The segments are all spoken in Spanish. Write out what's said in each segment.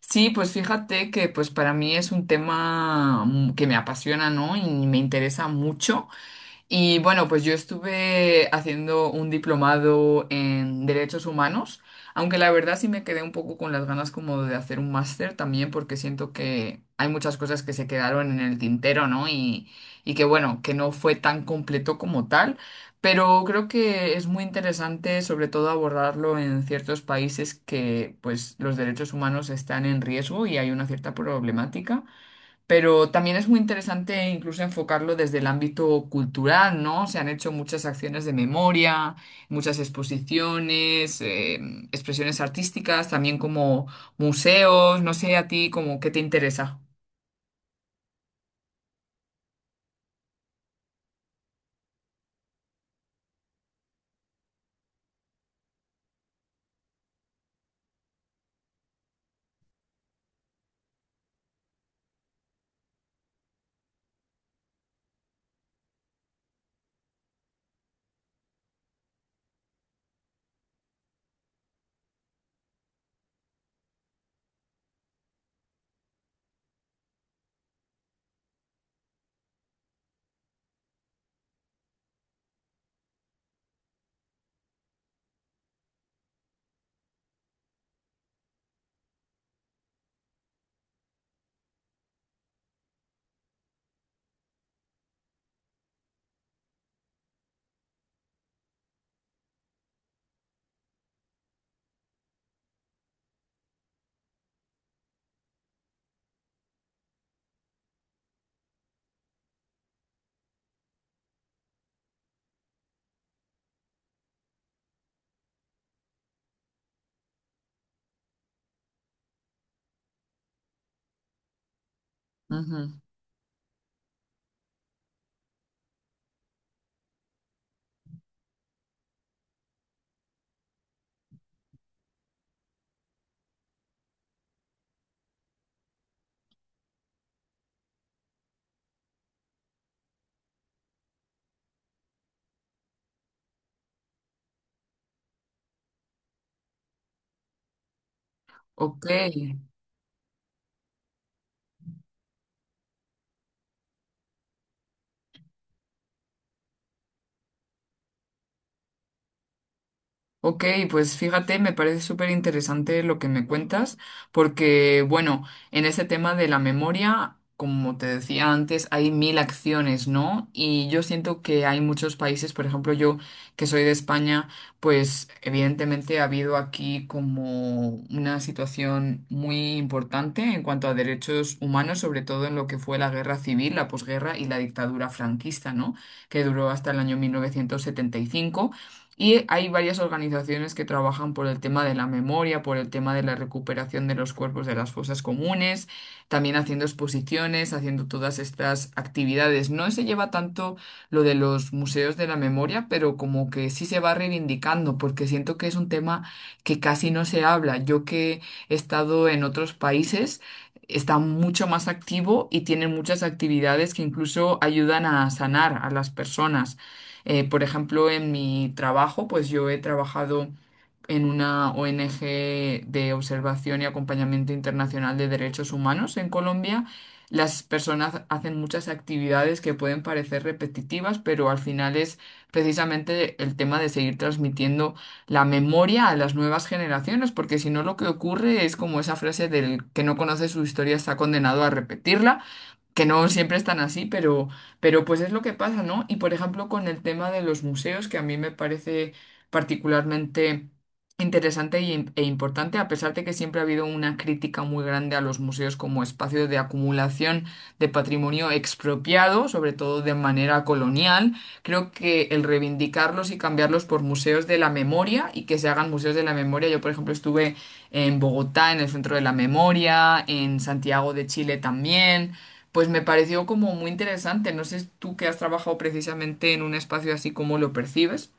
Sí, pues fíjate que pues para mí es un tema que me apasiona, ¿no? Y me interesa mucho. Y bueno, pues yo estuve haciendo un diplomado en derechos humanos, aunque la verdad sí me quedé un poco con las ganas como de hacer un máster también, porque siento que hay muchas cosas que se quedaron en el tintero, ¿no? Y que bueno, que no fue tan completo como tal, pero creo que es muy interesante sobre todo abordarlo en ciertos países que pues los derechos humanos están en riesgo y hay una cierta problemática. Pero también es muy interesante incluso enfocarlo desde el ámbito cultural, ¿no? Se han hecho muchas acciones de memoria, muchas exposiciones, expresiones artísticas, también como museos, no sé a ti como qué te interesa. Ujú. Ok. Ok, pues fíjate, me parece súper interesante lo que me cuentas, porque bueno, en ese tema de la memoria, como te decía antes, hay mil acciones, ¿no? Y yo siento que hay muchos países, por ejemplo, yo que soy de España, pues evidentemente ha habido aquí como una situación muy importante en cuanto a derechos humanos, sobre todo en lo que fue la guerra civil, la posguerra y la dictadura franquista, ¿no? Que duró hasta el año 1975. Y hay varias organizaciones que trabajan por el tema de la memoria, por el tema de la recuperación de los cuerpos de las fosas comunes, también haciendo exposiciones, haciendo todas estas actividades. No se lleva tanto lo de los museos de la memoria, pero como que sí se va reivindicando, porque siento que es un tema que casi no se habla. Yo que he estado en otros países, está mucho más activo y tiene muchas actividades que incluso ayudan a sanar a las personas. Por ejemplo, en mi trabajo, pues yo he trabajado en una ONG de observación y acompañamiento internacional de derechos humanos en Colombia. Las personas hacen muchas actividades que pueden parecer repetitivas, pero al final es precisamente el tema de seguir transmitiendo la memoria a las nuevas generaciones, porque si no lo que ocurre es como esa frase del que no conoce su historia está condenado a repetirla, que no siempre están así, pero pues es lo que pasa, ¿no? Y por ejemplo, con el tema de los museos, que a mí me parece particularmente interesante e importante, a pesar de que siempre ha habido una crítica muy grande a los museos como espacios de acumulación de patrimonio expropiado, sobre todo de manera colonial, creo que el reivindicarlos y cambiarlos por museos de la memoria y que se hagan museos de la memoria, yo por ejemplo estuve en Bogotá, en el Centro de la Memoria, en Santiago de Chile también. Pues me pareció como muy interesante. No sé tú que has trabajado precisamente en un espacio así, ¿cómo lo percibes?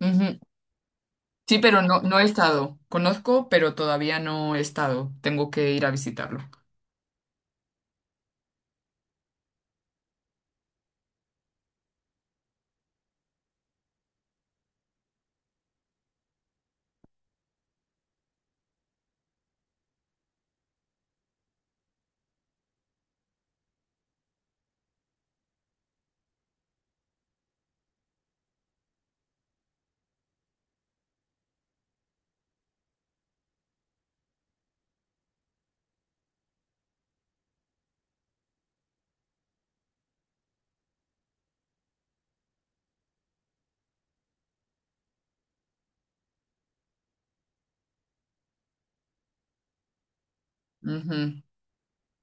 Ujú. Sí, pero no, no he estado. Conozco, pero todavía no he estado. Tengo que ir a visitarlo. Ujú.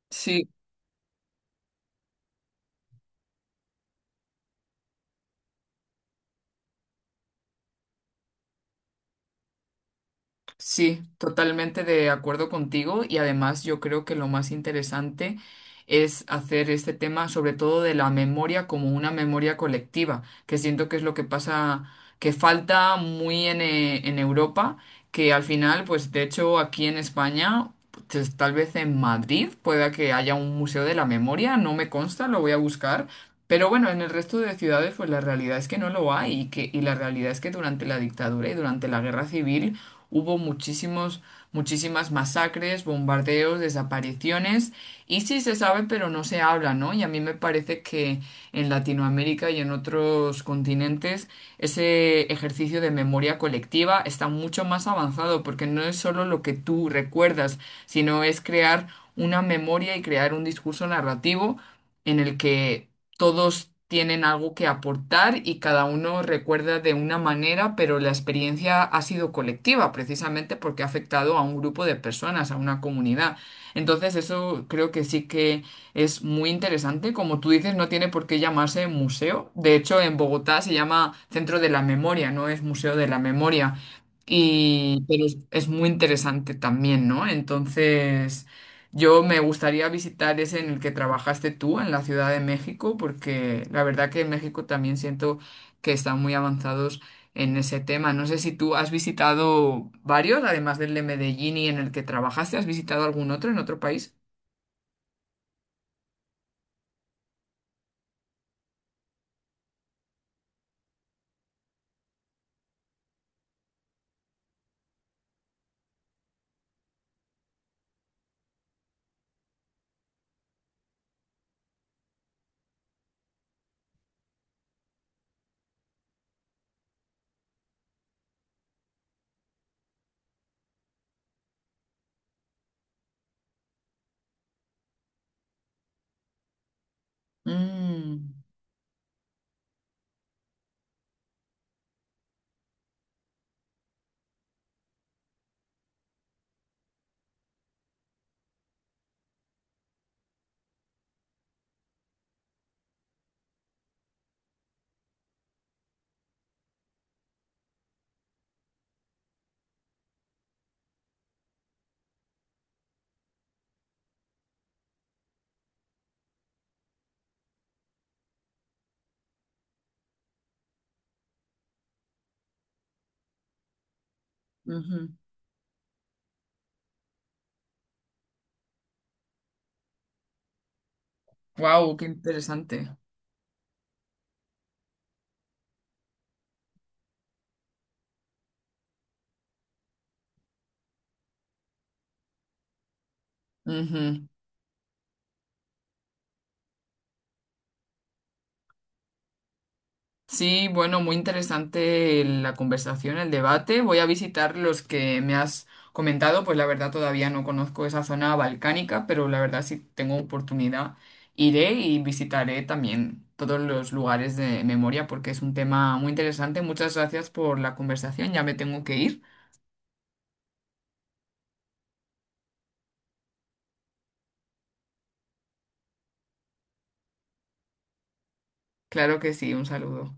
Sí. Sí, totalmente de acuerdo contigo y además yo creo que lo más interesante es hacer este tema sobre todo de la memoria como una memoria colectiva, que siento que es lo que pasa, que falta muy en Europa, que al final, pues de hecho aquí en España, pues, tal vez en Madrid pueda que haya un museo de la memoria, no me consta, lo voy a buscar. Pero bueno, en el resto de ciudades, pues la realidad es que no lo hay y que, y la realidad es que durante la dictadura y durante la guerra civil hubo muchísimos, muchísimas masacres, bombardeos, desapariciones, y sí se sabe, pero no se habla, ¿no? Y a mí me parece que en Latinoamérica y en otros continentes ese ejercicio de memoria colectiva está mucho más avanzado, porque no es solo lo que tú recuerdas, sino es crear una memoria y crear un discurso narrativo en el que todos tienen algo que aportar y cada uno recuerda de una manera, pero la experiencia ha sido colectiva, precisamente porque ha afectado a un grupo de personas, a una comunidad. Entonces, eso creo que sí que es muy interesante. Como tú dices, no tiene por qué llamarse museo. De hecho, en Bogotá se llama Centro de la Memoria, no es Museo de la Memoria. Y, pero es muy interesante también, ¿no? Entonces... Yo me gustaría visitar ese en el que trabajaste tú, en la Ciudad de México, porque la verdad que en México también siento que están muy avanzados en ese tema. No sé si tú has visitado varios, además del de Medellín y en el que trabajaste, ¿has visitado algún otro en otro país? Mm, ujú. ¿Qué interesante? Ujú. Sí, bueno, muy interesante la conversación, el debate. Voy a visitar los que me has comentado, pues la verdad todavía no conozco esa zona balcánica, pero la verdad si tengo oportunidad iré y visitaré también todos los lugares de memoria porque es un tema muy interesante. Muchas gracias por la conversación, ya me tengo que ir. Claro que sí, un saludo.